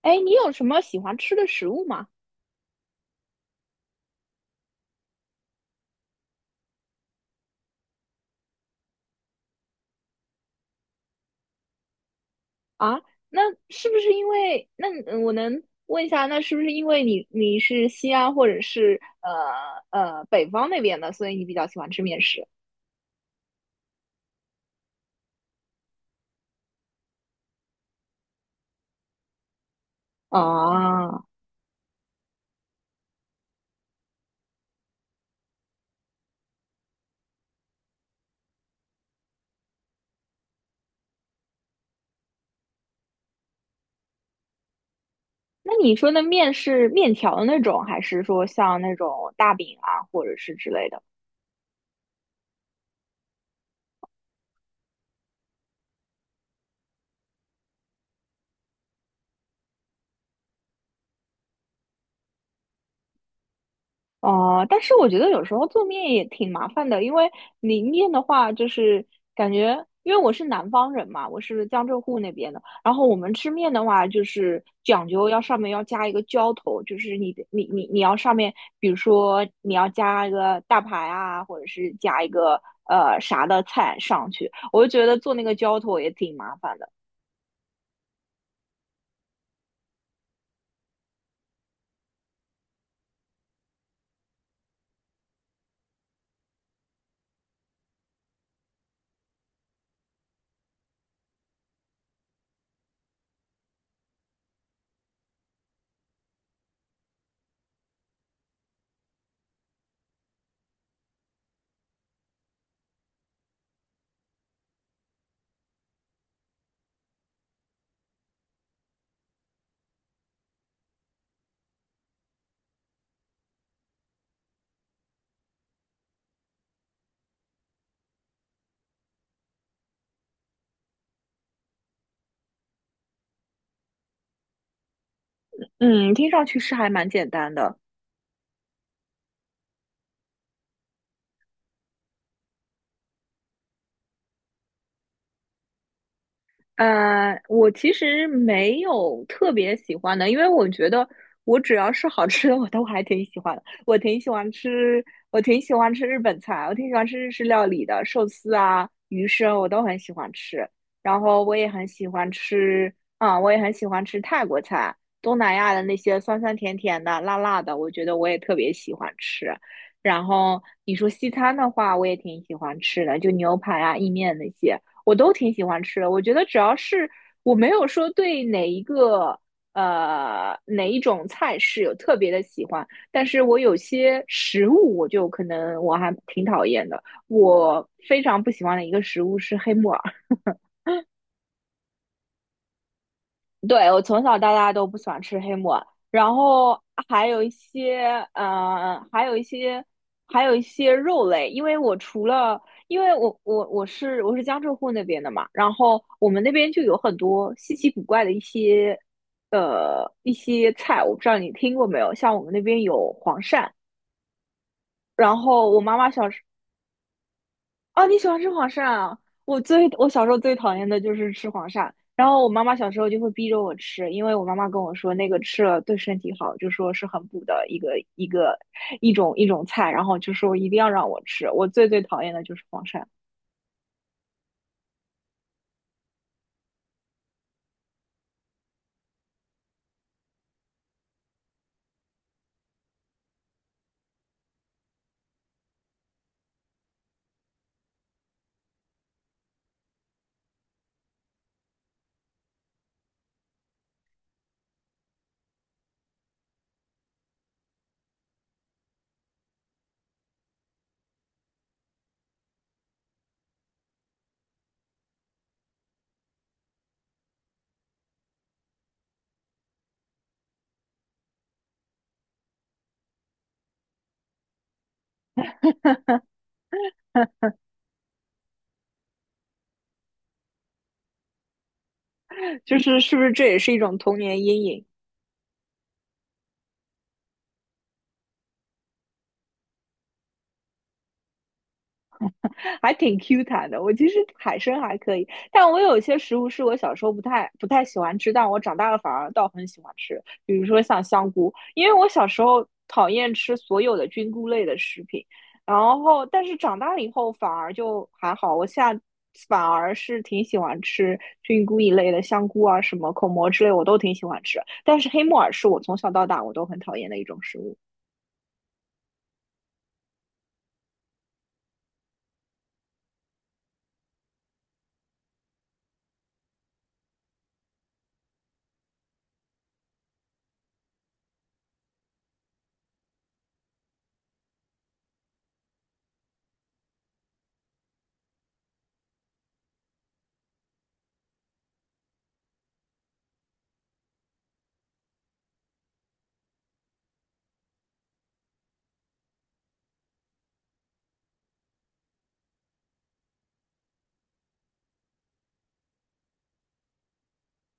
哎，你有什么喜欢吃的食物吗？啊，那是不是因为那嗯我能问一下，那是不是因为你是西安或者是北方那边的，所以你比较喜欢吃面食啊？那你说的面是面条的那种，还是说像那种大饼啊，或者是之类的？哦，但是我觉得有时候做面也挺麻烦的，因为你面的话，就是感觉，因为我是南方人嘛，我是江浙沪那边的，然后我们吃面的话，就是讲究要上面要加一个浇头，就是你的你你你要上面，比如说你要加一个大排啊，或者是加一个啥的菜上去，我就觉得做那个浇头也挺麻烦的。嗯，听上去是还蛮简单的。我其实没有特别喜欢的，因为我觉得我只要是好吃的，我都还挺喜欢的。我挺喜欢吃日本菜，我挺喜欢吃日式料理的，寿司啊、鱼生我都很喜欢吃。然后我也很喜欢吃，我也很喜欢吃泰国菜，东南亚的那些酸酸甜甜的、辣辣的，我觉得我也特别喜欢吃。然后你说西餐的话，我也挺喜欢吃的，就牛排啊、意面那些。我都挺喜欢吃的。我觉得只要是我没有说对哪一种菜式有特别的喜欢，但是我有些食物我就可能我还挺讨厌的。我非常不喜欢的一个食物是黑木耳。对，我从小到大都不喜欢吃黑木耳，然后还有一些，呃，还有一些，还有一些肉类，因为我是江浙沪那边的嘛，然后我们那边就有很多稀奇古怪的一些，一些菜，我不知道你听过没有，像我们那边有黄鳝，然后我妈妈小时。哦，你喜欢吃黄鳝啊？我小时候最讨厌的就是吃黄鳝，然后我妈妈小时候就会逼着我吃，因为我妈妈跟我说那个吃了对身体好，就说是很补的一种菜，然后就说一定要让我吃。我最讨厌的就是黄鳝，就是是不是这也是一种童年阴影？还挺 Q 弹的。我其实海参还可以，但我有些食物是我小时候不太喜欢吃，但我长大了反而倒很喜欢吃，比如说像香菇，因为我小时候讨厌吃所有的菌菇类的食品，然后但是长大了以后反而就还好，我现在反而是挺喜欢吃菌菇一类的，香菇啊什么口蘑之类我都挺喜欢吃，但是黑木耳是我从小到大我都很讨厌的一种食物。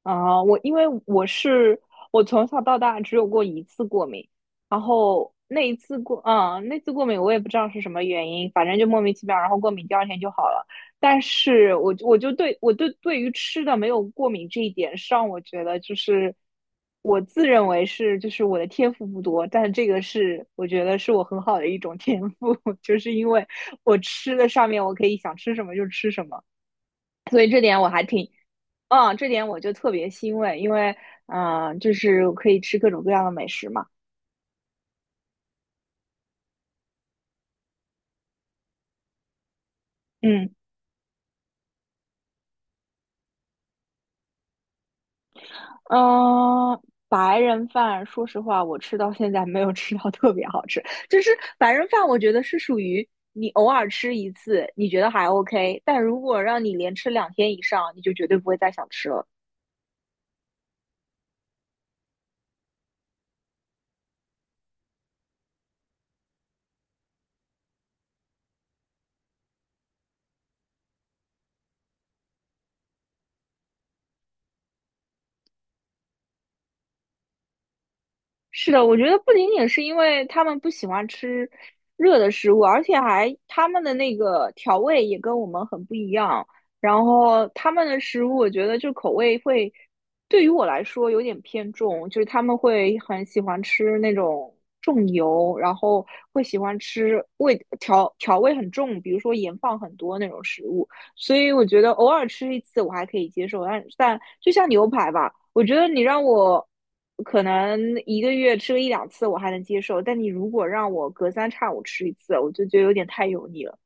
啊，我因为我是我从小到大只有过一次过敏，然后那次过敏我也不知道是什么原因，反正就莫名其妙，然后过敏第二天就好了。但是我就我就对我对对于吃的没有过敏这一点上，我觉得就是我自认为是就是我的天赋不多，但这个是我觉得是我很好的一种天赋，就是因为我吃的上面我可以想吃什么就吃什么，所以这点我还挺。嗯，这点我就特别欣慰，因为就是可以吃各种各样的美食嘛。嗯嗯、呃白人饭，说实话，我吃到现在没有吃到特别好吃。就是白人饭，我觉得是属于你偶尔吃一次，你觉得还 OK,但如果让你连吃2天以上，你就绝对不会再想吃了。是的，我觉得不仅仅是因为他们不喜欢吃热的食物，而且还他们的那个调味也跟我们很不一样。然后他们的食物，我觉得就口味会，对于我来说有点偏重，就是他们会很喜欢吃那种重油，然后会喜欢吃调味很重，比如说盐放很多那种食物。所以我觉得偶尔吃一次我还可以接受，但就像牛排吧，我觉得你让我可能一个月吃个一两次我还能接受，但你如果让我隔三差五吃一次，我就觉得有点太油腻了。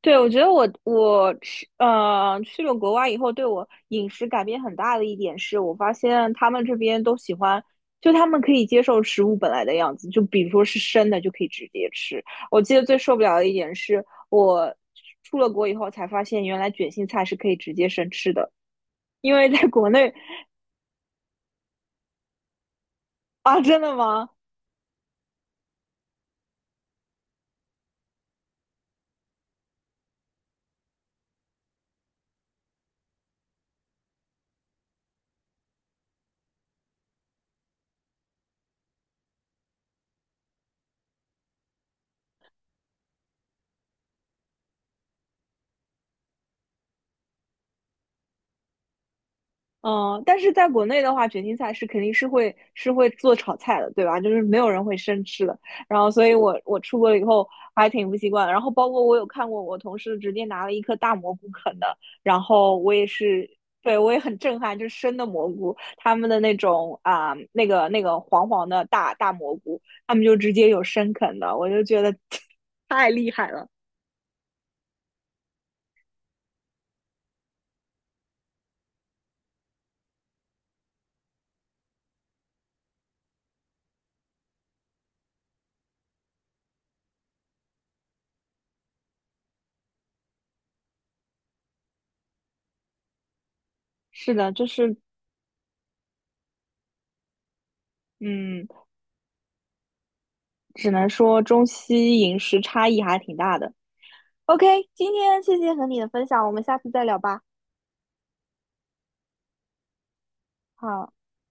对，我觉得我去了国外以后，对我饮食改变很大的一点是，我发现他们这边都喜欢，就他们可以接受食物本来的样子，就比如说是生的就可以直接吃。我记得最受不了的一点是我出了国以后才发现，原来卷心菜是可以直接生吃的，因为在国内 啊，真的吗？嗯，但是在国内的话，卷心菜是肯定是会是会做炒菜的，对吧？就是没有人会生吃的。然后，所以我出国了以后还挺不习惯然后，包括我有看过我同事直接拿了一颗大蘑菇啃的，然后我也是，对，我也很震撼，就是生的蘑菇，他们的那种啊、那个黄黄的大大蘑菇，他们就直接有生啃的，我就觉得 太厉害了。是的，就是嗯，只能说中西饮食差异还挺大的。OK,今天谢谢和你的分享，我们下次再聊吧。好。